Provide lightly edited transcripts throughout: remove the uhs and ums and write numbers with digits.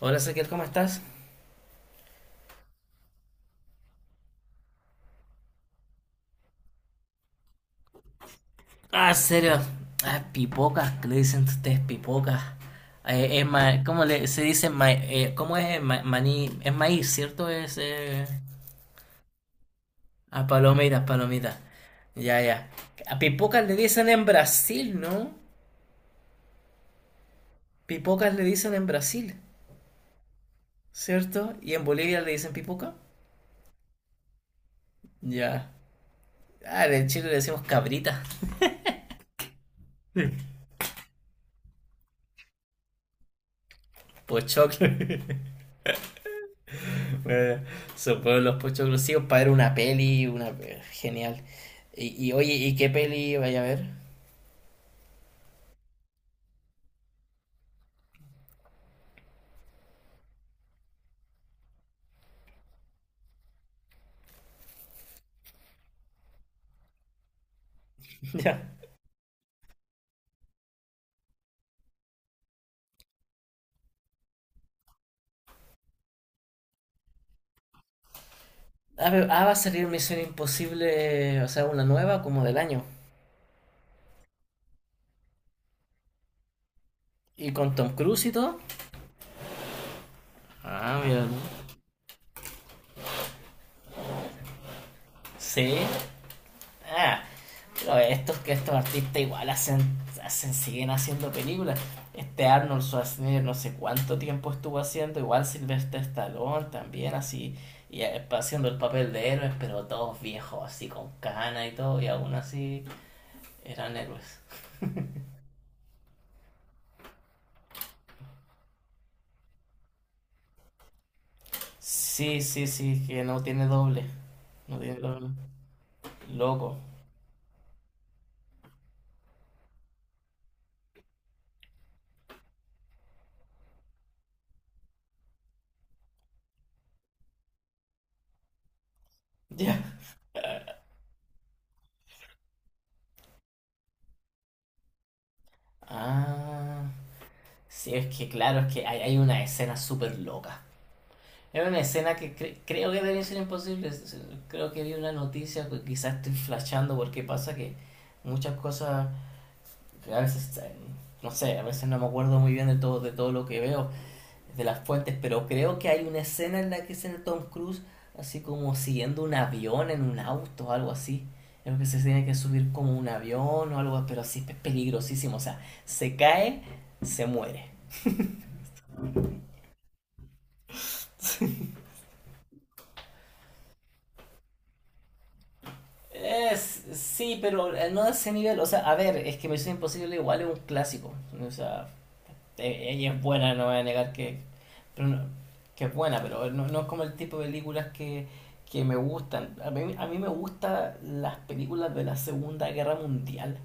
Hola Ezequiel, ¿cómo estás? Ah, serio. Ah, pipocas, que le dicen ustedes pipocas. Es ¿Cómo se dice? ¿Cómo es maní? Es maíz, ¿cierto? Es Ah, palomitas. Ya. A pipocas le dicen en Brasil, ¿no? Pipocas le dicen en Brasil, ¿cierto? Y en Bolivia le dicen pipoca. Ya. Ah, en Chile le decimos cabrita, pochoclo. Eh, Sobre los puestos exclusivos para ver una peli, una genial. Oye, ¿y qué peli vaya a ver? Ya. Ah, va a salir Misión Imposible, o sea, una nueva como del año. Y con Tom Cruise y todo. Ah, mira. Sí. Ah, pero estos que estos artistas igual siguen haciendo películas. Este Arnold Schwarzenegger no sé cuánto tiempo estuvo haciendo, igual Sylvester Stallone también así, y haciendo el papel de héroes, pero todos viejos así con cana y todo, y aún así eran héroes. Sí, sí, que no tiene doble. No tiene doble. Loco. Ya. Ah. Sí, es que claro, es que hay una escena súper loca. Era una escena que creo que debe ser imposible. Creo que vi una noticia, pues, quizás estoy flashando porque pasa que muchas cosas, a veces, no sé, a veces no me acuerdo muy bien de todo lo que veo, de las fuentes, pero creo que hay una escena en la que sale Tom Cruise así como siguiendo un avión en un auto algo así. Creo que se tiene que subir como un avión o algo, pero así es peligrosísimo. O sea, se cae, se muere. Es, sí, pero no a ese nivel. O sea, a ver, es que Misión Imposible igual es un clásico. O sea, ella es buena, no voy a negar pero que es buena, pero no, no es como el tipo de películas que me gustan. A mí me gustan las películas de la Segunda Guerra Mundial.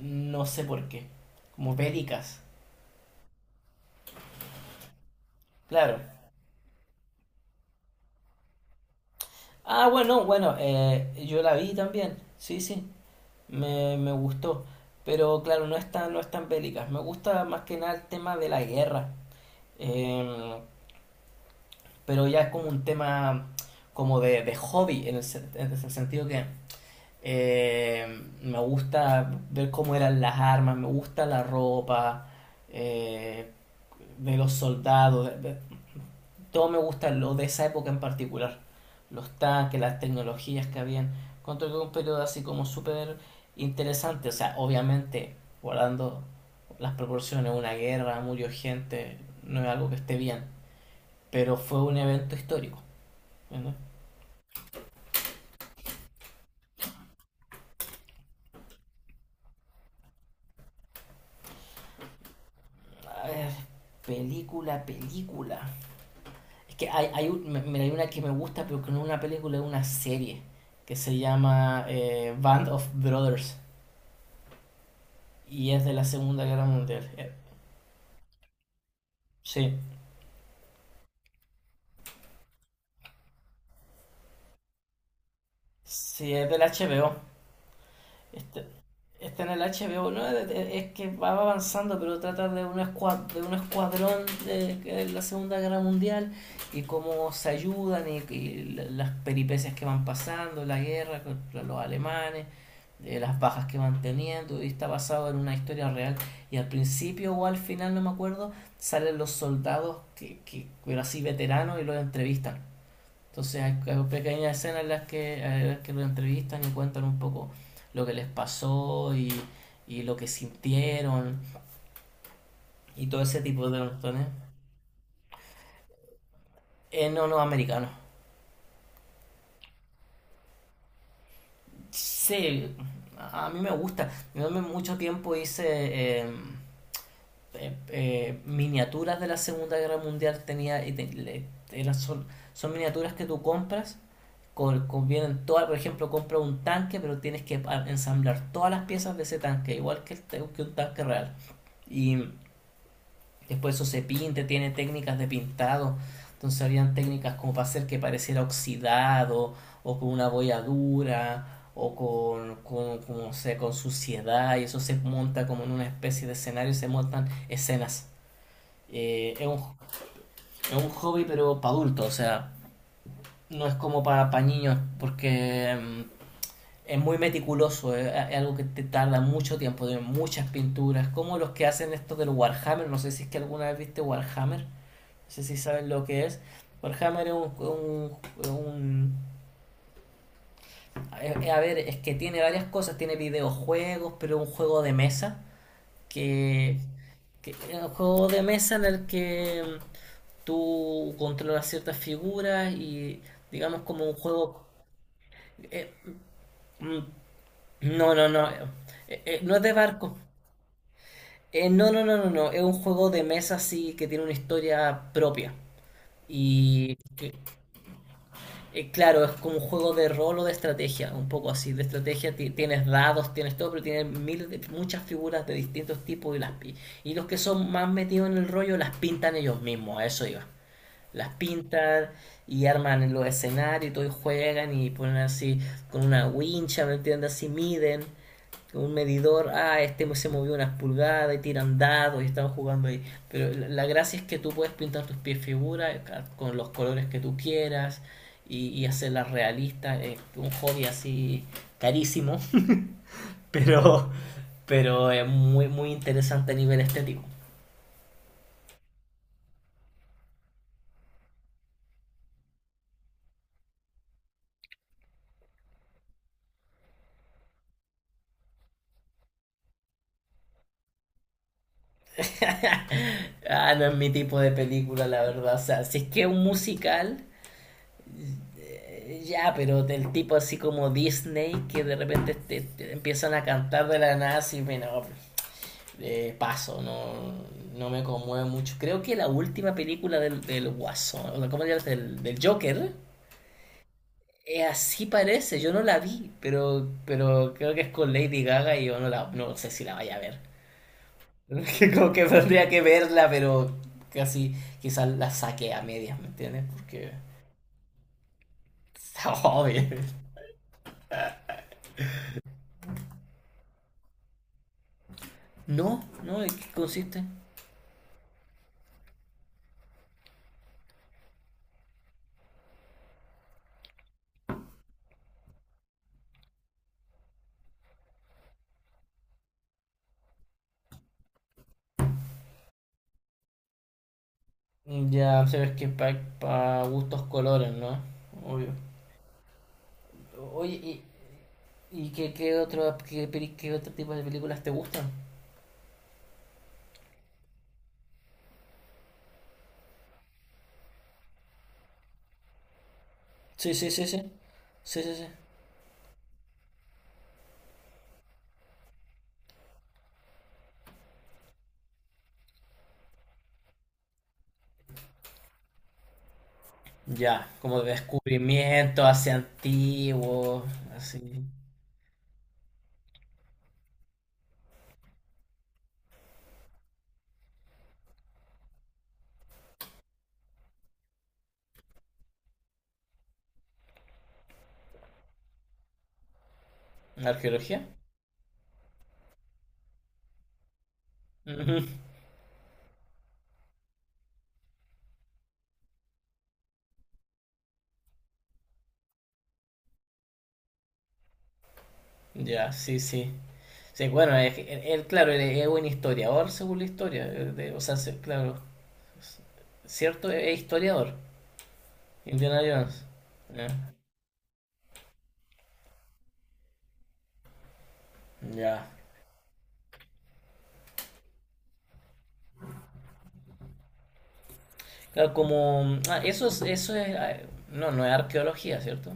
No sé por qué. Como bélicas. Claro. Ah, bueno, yo la vi también. Sí. Me gustó. Pero claro, no es tan, no es tan bélicas. Me gusta más que nada el tema de la guerra. Eh, pero ya es como un tema como de hobby, en en el sentido que me gusta ver cómo eran las armas, me gusta la ropa eh, de los soldados, todo me gusta lo de esa época en particular. Los tanques, las tecnologías que habían. Encuentro que es un periodo así como súper interesante. O sea, obviamente, guardando las proporciones, una guerra, murió gente, no es algo que esté bien. Pero fue un evento histórico. ¿Verdad? A ver, película. Es que mira, hay una que me gusta, pero que no es una película, es una serie. Que se llama Band of Brothers. Y es de la Segunda Guerra Mundial. Sí. Sí, es del HBO. Este, está en el HBO, ¿no? Es que va avanzando, pero trata de de un escuadrón de la Segunda Guerra Mundial y cómo se ayudan y las peripecias que van pasando, la guerra contra los alemanes, las bajas que van teniendo, y está basado en una historia real. Y al principio o al final, no me acuerdo, salen los soldados, pero así veteranos, y los entrevistan. Entonces hay pequeñas escenas en las que lo entrevistan y cuentan un poco lo que les pasó y lo que sintieron y todo ese tipo de cuestiones. No, no, americano. Sí, a mí me gusta. Yo en mucho tiempo hice miniaturas de la Segunda Guerra Mundial. Tenía, y te- le- era- son, son miniaturas que tú compras convienen todas, por ejemplo, compra un tanque, pero tienes que ensamblar todas las piezas de ese tanque, igual que un tanque real. Y después eso se pinte, tiene técnicas de pintado. Entonces habían técnicas como para hacer que pareciera oxidado, o con una bolladura, o con, no sé, con suciedad, y eso se monta como en una especie de escenario, se montan escenas. Eh, es un, es un hobby, pero para adultos, o sea, no es como para niños, porque es muy meticuloso, es algo que te tarda mucho tiempo, tiene muchas pinturas, como los que hacen esto del Warhammer, no sé si es que alguna vez viste Warhammer, no sé si saben lo que es. Warhammer es un... un es, a ver, es que tiene varias cosas, tiene videojuegos, pero es un juego de mesa, que, que es un juego de mesa en el que tú controlas ciertas figuras y digamos como un juego... eh, mm, no, no, no, eh, no es de barco. No. Es un juego de mesa así que tiene una historia propia. Y que- claro, es como un juego de rol o de estrategia, un poco así. De estrategia tienes dados, tienes todo, pero tienes miles de, muchas figuras de distintos tipos y y los que son más metidos en el rollo las pintan ellos mismos, a eso iba. Las pintan y arman los escenarios y todo y juegan y ponen así con una wincha, ¿me entiendes? Así miden un medidor, ah, este se movió unas pulgadas y tiran dados y estamos jugando ahí. Pero la gracia es que tú puedes pintar tus pies figuras con los colores que tú quieras y hacerlas realistas. Es un hobby así carísimo, pero, pero es muy interesante a nivel estético. ah, no es mi tipo de película, la verdad. O sea, si es que es un musical, ya, pero del tipo así como Disney, que de repente te empiezan a cantar de la nada, y bueno, paso, no, no me conmueve mucho. Creo que la última película del Guasón, o sea, ¿cómo se llama? Del Joker, así parece, yo no la vi, pero creo que es con Lady Gaga y yo no sé si la vaya a ver. Como que tendría que verla, pero casi quizás la saqué a medias, ¿me entiendes? Porque está obvio. No, no, ¿en qué consiste? Ya, sabes que para pa gustos colores, ¿no? Obvio. Oye, ¿y qué otro tipo de películas te gustan? Sí, sí. Sí, sí. Ya, como de descubrimiento hacia antiguo, así. ¿Arqueología? Ujú. Ya, sí. Sí, bueno, es que él, claro, él es un historiador según la historia. O sea, claro. s- ¿Cierto? Es historiador. Indiana Jones. Eh, Ya. Claro, eso es. No, no es arqueología, ¿cierto?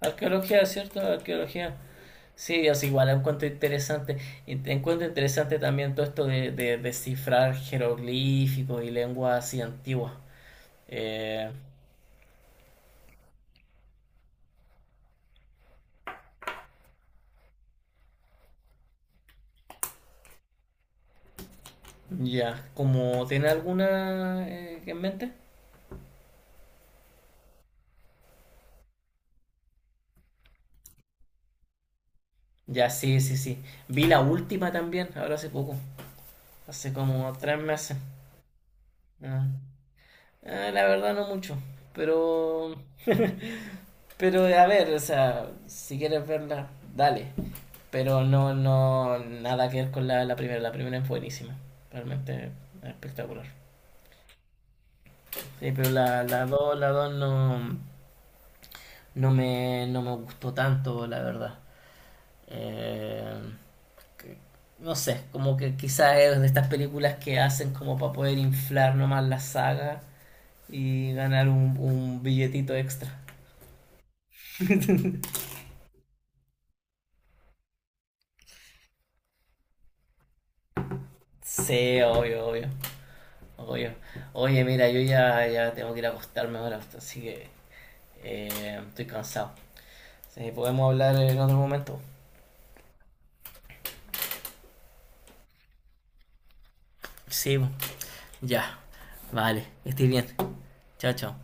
Arqueología, ¿cierto? Arqueología. Sí, o sea, igual encuentro interesante, y te encuentro interesante también todo esto de descifrar jeroglíficos y lenguas así antiguas. Eh, ya, como tiene alguna en mente? Ya, sí. Vi la última también, ahora hace poco, hace como tres meses. Ah, la verdad no mucho, pero, pero a ver, o sea, si quieres verla, dale. Pero no, nada que ver con la primera. La primera es buenísima. Realmente espectacular. Sí, pero la, la 2 no me gustó tanto, la verdad. Eh, que- no sé, como que quizás es de estas películas que hacen como para poder inflar nomás la saga y ganar un billetito extra. Sí, obvio. Oye, mira, yo ya tengo que ir a acostarme ahora, así que estoy cansado. Sí, podemos hablar en otro momento. Sí, ya. Vale, estoy bien. Chao, chao.